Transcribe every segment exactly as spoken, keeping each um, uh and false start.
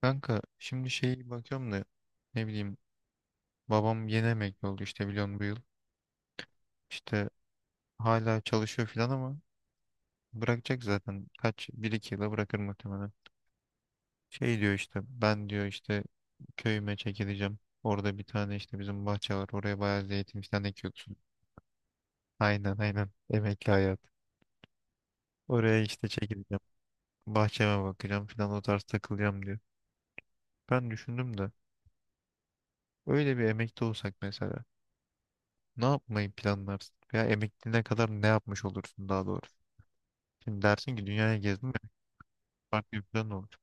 Kanka şimdi şey bakıyorum da, ne bileyim babam yeni emekli oldu işte, biliyorsun, bu yıl. İşte hala çalışıyor filan ama bırakacak zaten, kaç bir iki yıla bırakır muhtemelen. Şey diyor işte, ben diyor işte köyüme çekileceğim. Orada bir tane işte bizim bahçe var, oraya bayağı zeytin filan ekiyorsun. Aynen aynen, emekli hayat. Oraya işte çekileceğim. Bahçeme bakacağım filan, o tarz takılacağım diyor. Ben düşündüm de, öyle bir emekli olsak mesela. Ne yapmayı planlarsın? Veya emekliliğine kadar ne yapmış olursun daha doğrusu? Şimdi dersin ki dünyaya gezdim ve farklı bir plan olur.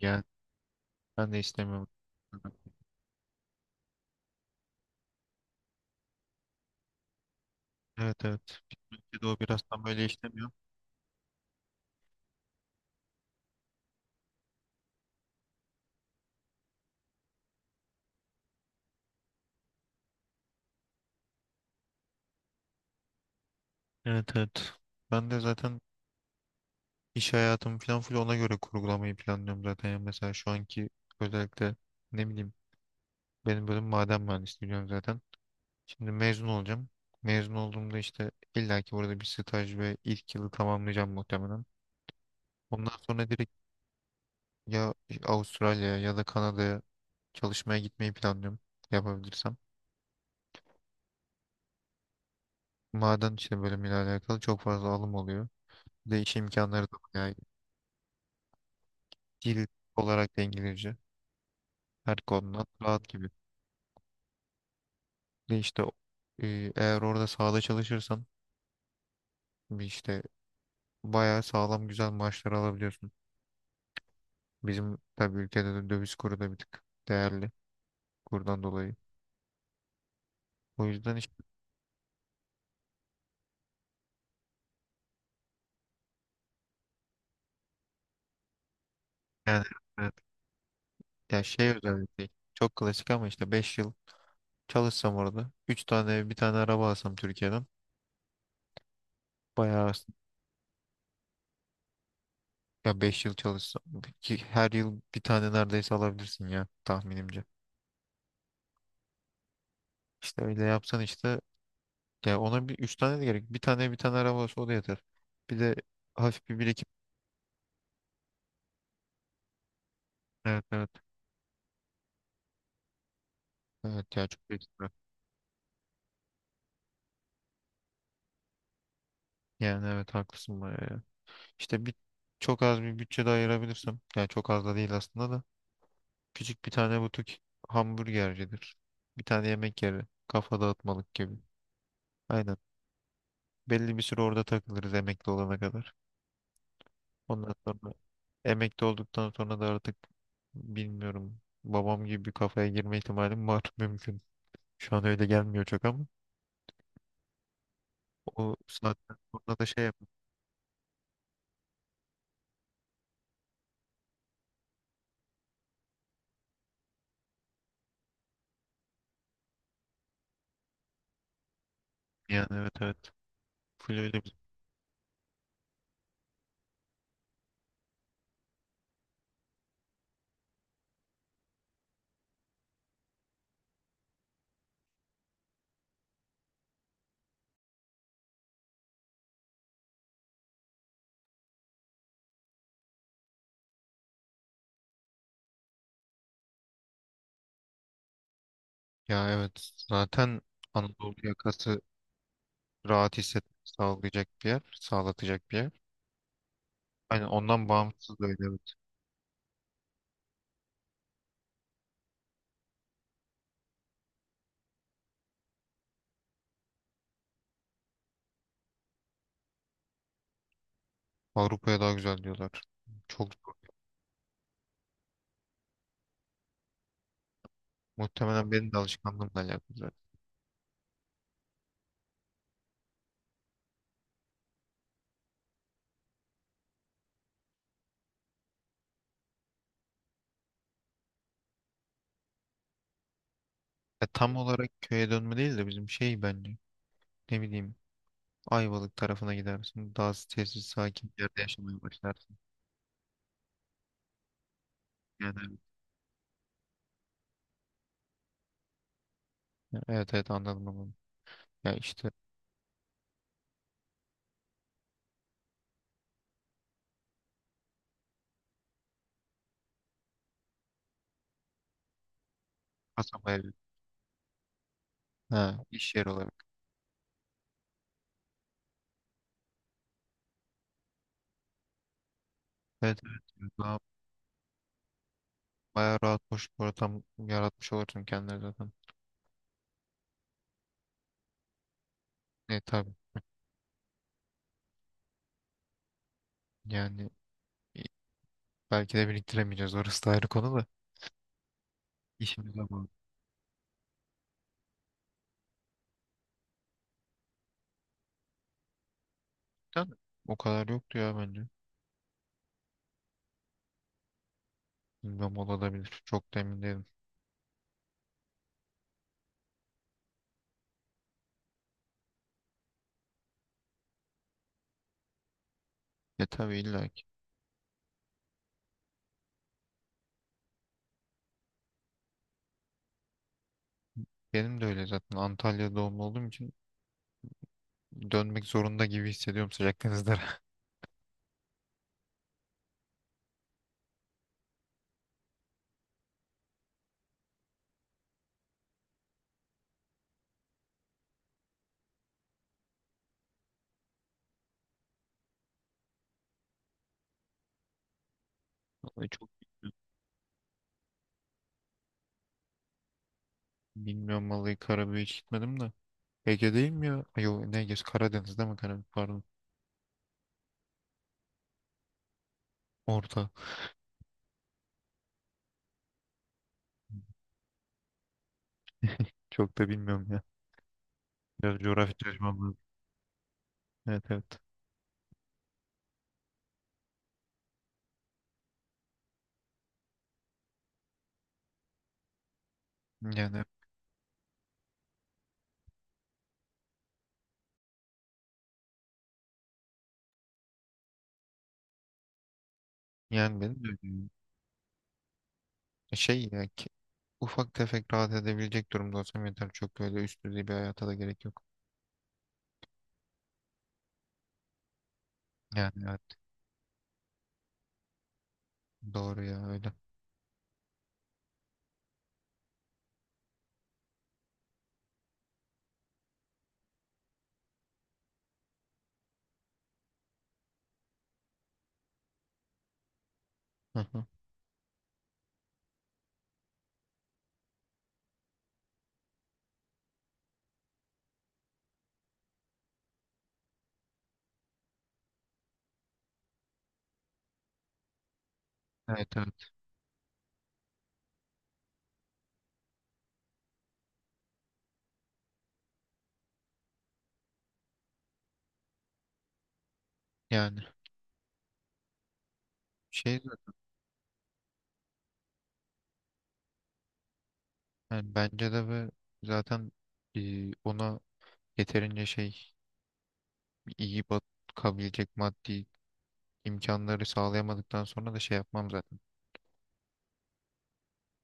Yani ben de istemiyorum. Evet evet. Türkiye'de o biraz tam öyle işlemiyor. Evet evet. Ben de zaten iş hayatımı falan full ona göre kurgulamayı planlıyorum zaten. Yani mesela şu anki, özellikle, ne bileyim benim bölüm maden mühendisliği, biliyorum zaten. Şimdi mezun olacağım. Mezun olduğumda işte illaki burada bir staj ve ilk yılı tamamlayacağım muhtemelen. Ondan sonra direkt, ya Avustralya'ya ya da Kanada'ya çalışmaya gitmeyi planlıyorum, yapabilirsem. Maden işte bölümüyle alakalı çok fazla alım oluyor. Bir de iş imkanları da bayağı iyi. Dil olarak da İngilizce her konuda rahat gibi. Bir de işte, e, eğer orada sahada çalışırsan bir işte bayağı sağlam güzel maaşlar alabiliyorsun. Bizim tabii ülkede de döviz kuru da bir tık değerli, kurdan dolayı. O yüzden işte, yani evet, ya şey özellikle çok klasik ama işte beş yıl çalışsam orada. Üç tane ev, bir tane araba alsam Türkiye'den. Bayağı, ya beş yıl çalışsam ki her yıl bir tane neredeyse alabilirsin ya, tahminimce. İşte öyle yapsan işte, ya ona bir üç tane de gerek. Bir tane bir tane araba olsa o da yeter. Bir de hafif bir birikim. Evet evet. Evet ya, çok ekstra. Yani evet, haklısın bayağı ya. İşte bir çok az bir bütçe de ayırabilirsem. Yani çok az da değil aslında da. Küçük bir tane butik hamburgercidir. Bir tane yemek yeri. Kafa dağıtmalık gibi. Aynen. Belli bir süre orada takılırız, emekli olana kadar. Ondan sonra, emekli olduktan sonra da artık, bilmiyorum, babam gibi bir kafaya girme ihtimalim var mümkün. Şu an öyle gelmiyor çok ama, o saatten sonra da şey yapayım, yani evet evet. Full öyle bir... Ya evet zaten, Anadolu yakası rahat hissetmek sağlayacak bir yer, sağlatacak bir yer. Hani ondan bağımsız da öyle, evet. Avrupa'ya daha güzel diyorlar. Çok zor. Muhtemelen benim de alışkanlığımla alakalı zaten. Ya tam olarak köye dönme değil de bizim şey bence, ne bileyim Ayvalık tarafına gidersin. Daha sessiz sakin bir yerde yaşamaya başlarsın. Yani evet. Ya, evet evet, anladım onu. Ya işte kasaba evi. Ha, iş yeri olarak. Evet evet. Daha bayağı rahat boş bir ortam yaratmış olursun kendine zaten. E tabii, yani i- belki de biriktiremeyeceğiz, orası da ayrı konu da. İşimize bağlı. Değil mi? O kadar yoktu ya bence. Bilmem, olabilir. Çok da emin değilim. E tabii, illa ki. Benim de öyle zaten. Antalya doğumlu olduğum için dönmek zorunda gibi hissediyorum, sıcak. Vallahi çok bilmiyorum vallahi, Karabük'e hiç gitmedim de. Ege değil mi ya? Ay, yok ne Ege? Karadeniz değil mi Karabük, pardon. Orta. Çok da bilmiyorum ya. Biraz coğrafya çalışmam lazım. Evet evet. Yani yani benim de öyle. şey ya ki, Ufak tefek rahat edebilecek durumda olsam yeter. Çok öyle üst düzey bir hayata da gerek yok. Yani evet, doğru ya öyle. Hı hı. Evet evet. Yani şey zaten- yani bence de. Ve zaten e, ona yeterince şey iyi bakabilecek maddi imkanları sağlayamadıktan sonra da şey yapmam zaten.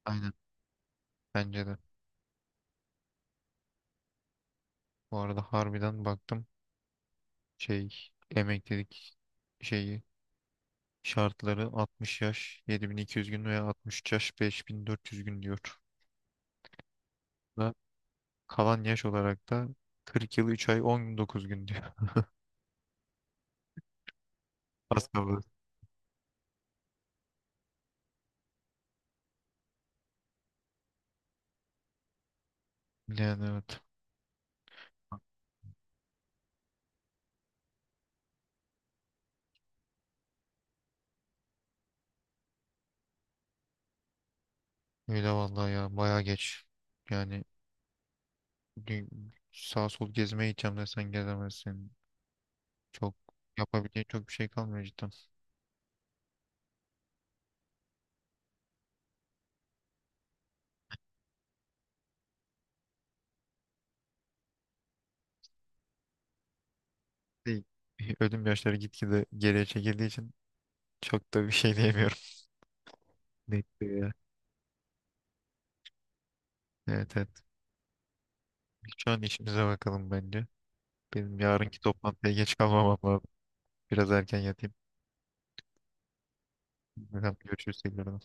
Aynen. Bence de. Bu arada harbiden baktım, şey emeklilik şeyi şartları altmış yaş yedi bin iki yüz gün veya altmış üç yaş beş bin dört yüz gün diyor. Ve kalan yaş olarak da kırk yıl üç ay on dokuz gün diyor. Az kaldı. Yani evet. Öyle vallahi ya, baya geç. Yani dü- sağ sol gezmeye gideceğim desen gezemezsin. Çok Yapabileceğin çok bir şey kalmıyor cidden. Değil. Ölüm yaşları gitgide geriye çekildiği için çok da bir şey diyemiyorum. Net ya. Evet evet. Şu an işimize bakalım bence. Benim yarınki toplantıya geç kalmamam lazım. Biraz erken yatayım. Bakalım, görüşürüz tekrardan.